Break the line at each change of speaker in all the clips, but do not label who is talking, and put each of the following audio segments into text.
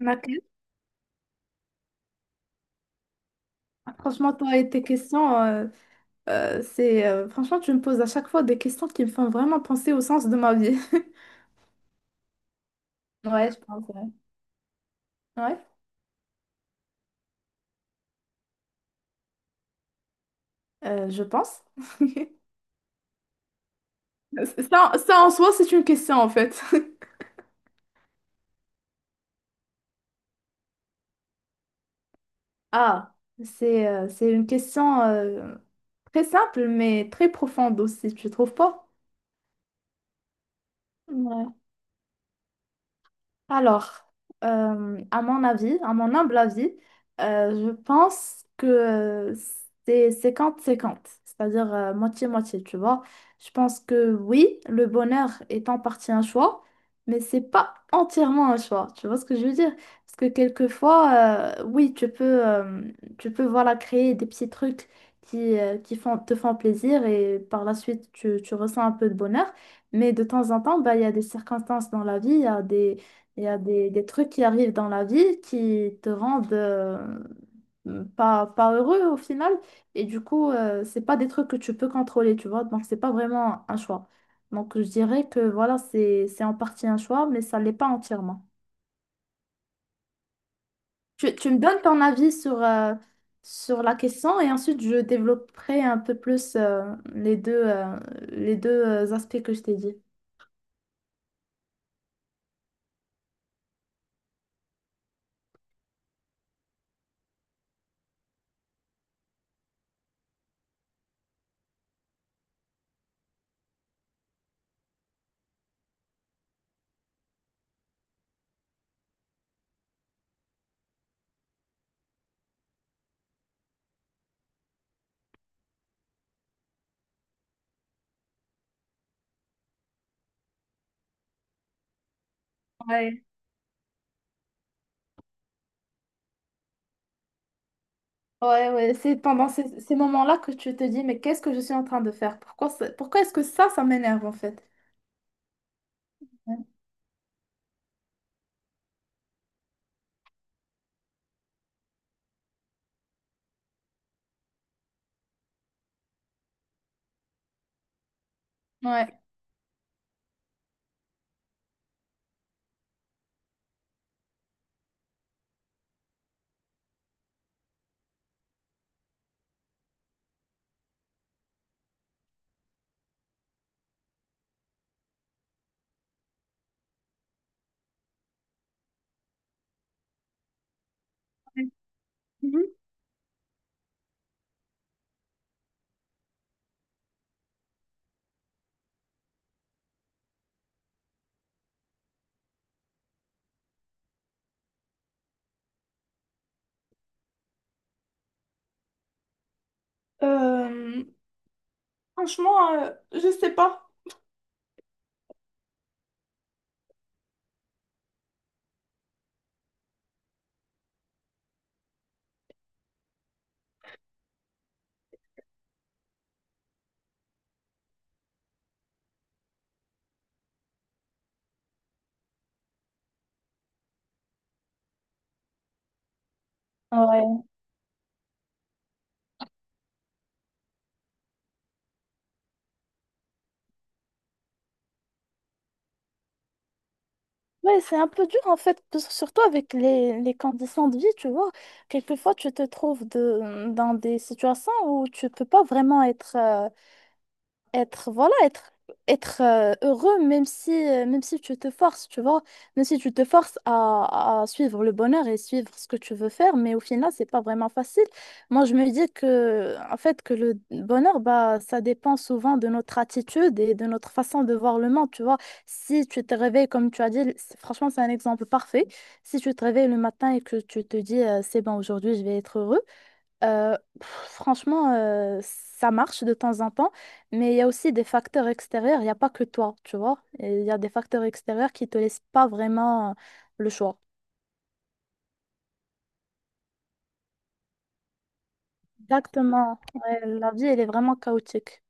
Ma question- Franchement, toi et tes questions, c'est franchement, tu me poses à chaque fois des questions qui me font vraiment penser au sens de ma vie. Ouais, je pense. Ouais, ouais, je pense. Ça en soi, c'est une question en fait. Ah, c'est une question très simple, mais très profonde aussi, tu trouves pas? Ouais. Alors, à mon avis, à mon humble avis, je pense que c'est 50-50, c'est-à-dire moitié-moitié, tu vois. Je pense que oui, le bonheur est en partie un choix, mais c'est pas entièrement un choix, tu vois ce que je veux dire? Parce que quelquefois, oui, tu peux voilà, créer des petits trucs qui te font plaisir, et par la suite, tu ressens un peu de bonheur. Mais de temps en temps, bah, il y a des circonstances dans la vie, il y a des il y a des trucs qui arrivent dans la vie qui te rendent pas heureux au final. Et du coup, c'est pas des trucs que tu peux contrôler, tu vois. Donc, c'est pas vraiment un choix. Donc, je dirais que voilà, c'est en partie un choix, mais ça l'est pas entièrement. Tu me donnes ton avis sur la question, et ensuite je développerai un peu plus les deux aspects que je t'ai dit. Ouais, ouais, c'est pendant ces moments-là que tu te dis, mais qu'est-ce que je suis en train de faire? Pourquoi, pourquoi est-ce que ça m'énerve en fait? Ouais. Ouais. Mhm. Euh, Franchement, je sais pas. Ouais, ouais, c'est un peu dur en fait, que surtout avec les conditions de vie, tu vois. Quelquefois, tu te trouves de, dans des situations où tu peux pas vraiment être être voilà être heureux, même si tu te forces tu vois même si tu te forces à suivre le bonheur et suivre ce que tu veux faire. Mais au final, c'est pas vraiment facile. Moi, je me dis que en fait que le bonheur, bah, ça dépend souvent de notre attitude et de notre façon de voir le monde, tu vois. Si tu te réveilles, comme tu as dit, franchement, c'est un exemple parfait. Si tu te réveilles le matin et que tu te dis c'est bon, aujourd'hui je vais être heureux, franchement, ça marche de temps en temps, mais il y a aussi des facteurs extérieurs. Il n'y a pas que toi, tu vois. Et il y a des facteurs extérieurs qui te laissent pas vraiment le choix. Exactement. Ouais, la vie, elle est vraiment chaotique.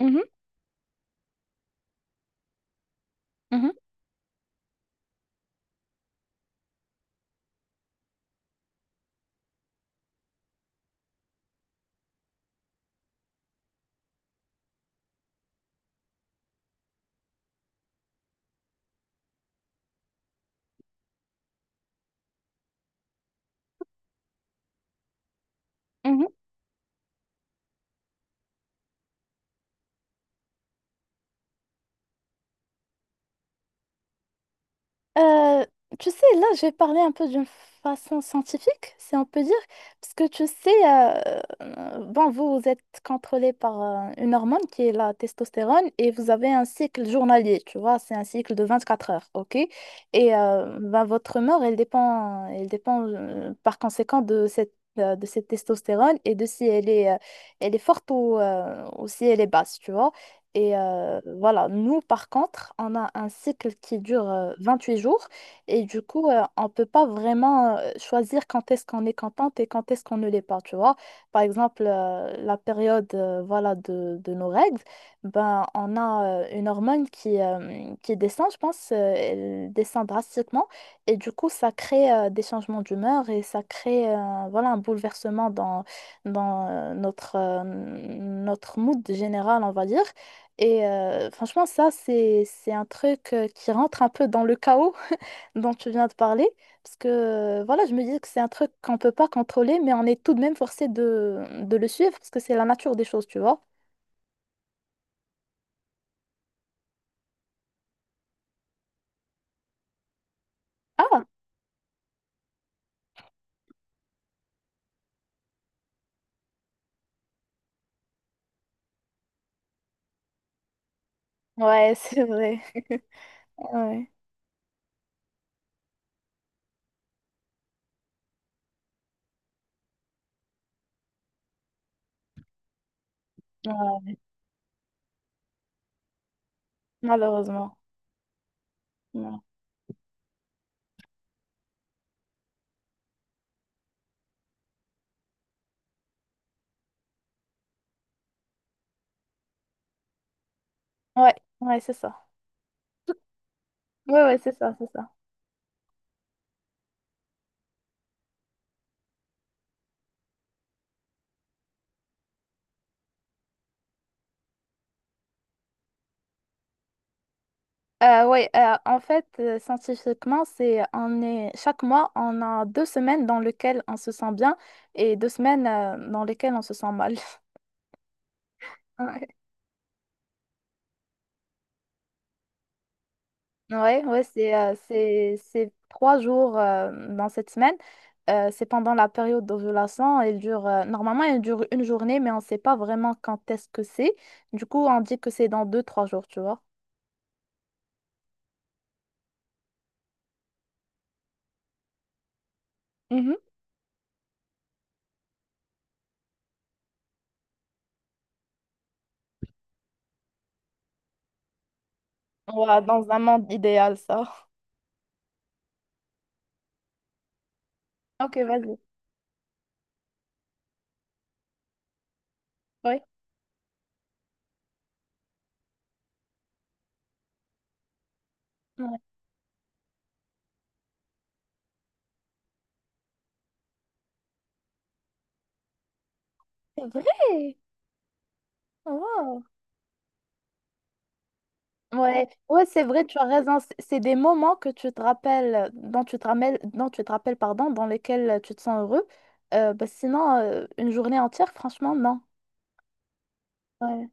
Mhm, mhm. Mhm. Euh, tu sais, là, je vais parler un peu d'une façon scientifique, si on peut dire, parce que tu sais, bon, vous êtes contrôlé par une hormone qui est la testostérone, et vous avez un cycle journalier, tu vois, c'est un cycle de 24 heures, ok? Et ben, votre humeur, elle dépend par conséquent de cette testostérone, et de si elle est forte ou si elle est basse, tu vois. Et voilà, nous, par contre, on a un cycle qui dure 8 jours, et du coup, on ne peut pas vraiment choisir quand est-ce qu'on est contente et quand est-ce qu'on ne l'est pas, tu vois. Par exemple, la période voilà, de nos règles, ben, on a une hormone qui descend, je pense, elle descend drastiquement, et du coup, ça crée des changements d'humeur, et ça crée voilà, un bouleversement dans, notre mood général, on va dire. Et franchement, ça, c'est un truc qui rentre un peu dans le chaos dont tu viens de parler. Parce que, voilà, je me dis que c'est un truc qu'on ne peut pas contrôler, mais on est tout de même forcé de le suivre, parce que c'est la nature des choses, tu vois. Ah, ouais, c'est vrai. Ouais. Ouais, malheureusement. Ouais, ouais, ouais, c'est ça. Ouais, ouais, c'est ça, c'est ça. Ouais, en fait, scientifiquement, c'est on est chaque mois, on a 2 semaines dans lesquelles on se sent bien, et 2 semaines dans lesquelles on se sent mal. Ouais, ouais, c'est 3 jours dans cette semaine. C'est pendant la période d'ovulation. Elle dure normalement elle dure 1 journée, mais on ne sait pas vraiment quand est-ce que c'est. Du coup, on dit que c'est dans 2, 3 jours, tu vois. Mhm. Ouais, dans un monde idéal, ça. Ok, vas-y. Oui. Ouais. C'est vrai. Wow. Ouais, ouais, c'est vrai, tu as raison. C'est des moments que tu te rappelles, dont tu te rappelles, pardon, dans lesquels tu te sens heureux. Bah, sinon, une journée entière, franchement, non. Ouais.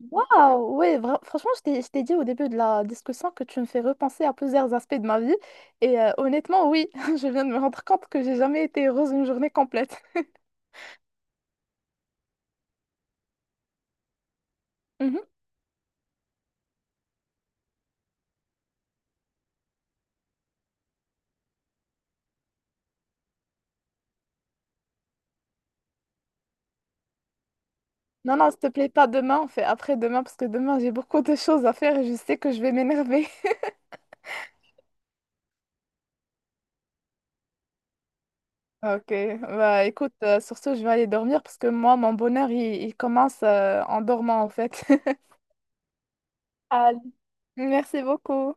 Waouh, ouais, franchement, je t'ai dit au début de la discussion que tu me fais repenser à plusieurs aspects de ma vie. Et honnêtement, oui, je viens de me rendre compte que j'ai jamais été heureuse une journée complète. Mhm. Non, non, s'il te plaît, pas demain, on fait après demain, parce que demain, j'ai beaucoup de choses à faire et je sais que je vais m'énerver. Ok, bah écoute, sur ce, je vais aller dormir, parce que moi, mon bonheur, il commence en dormant en fait. Allez. Merci beaucoup.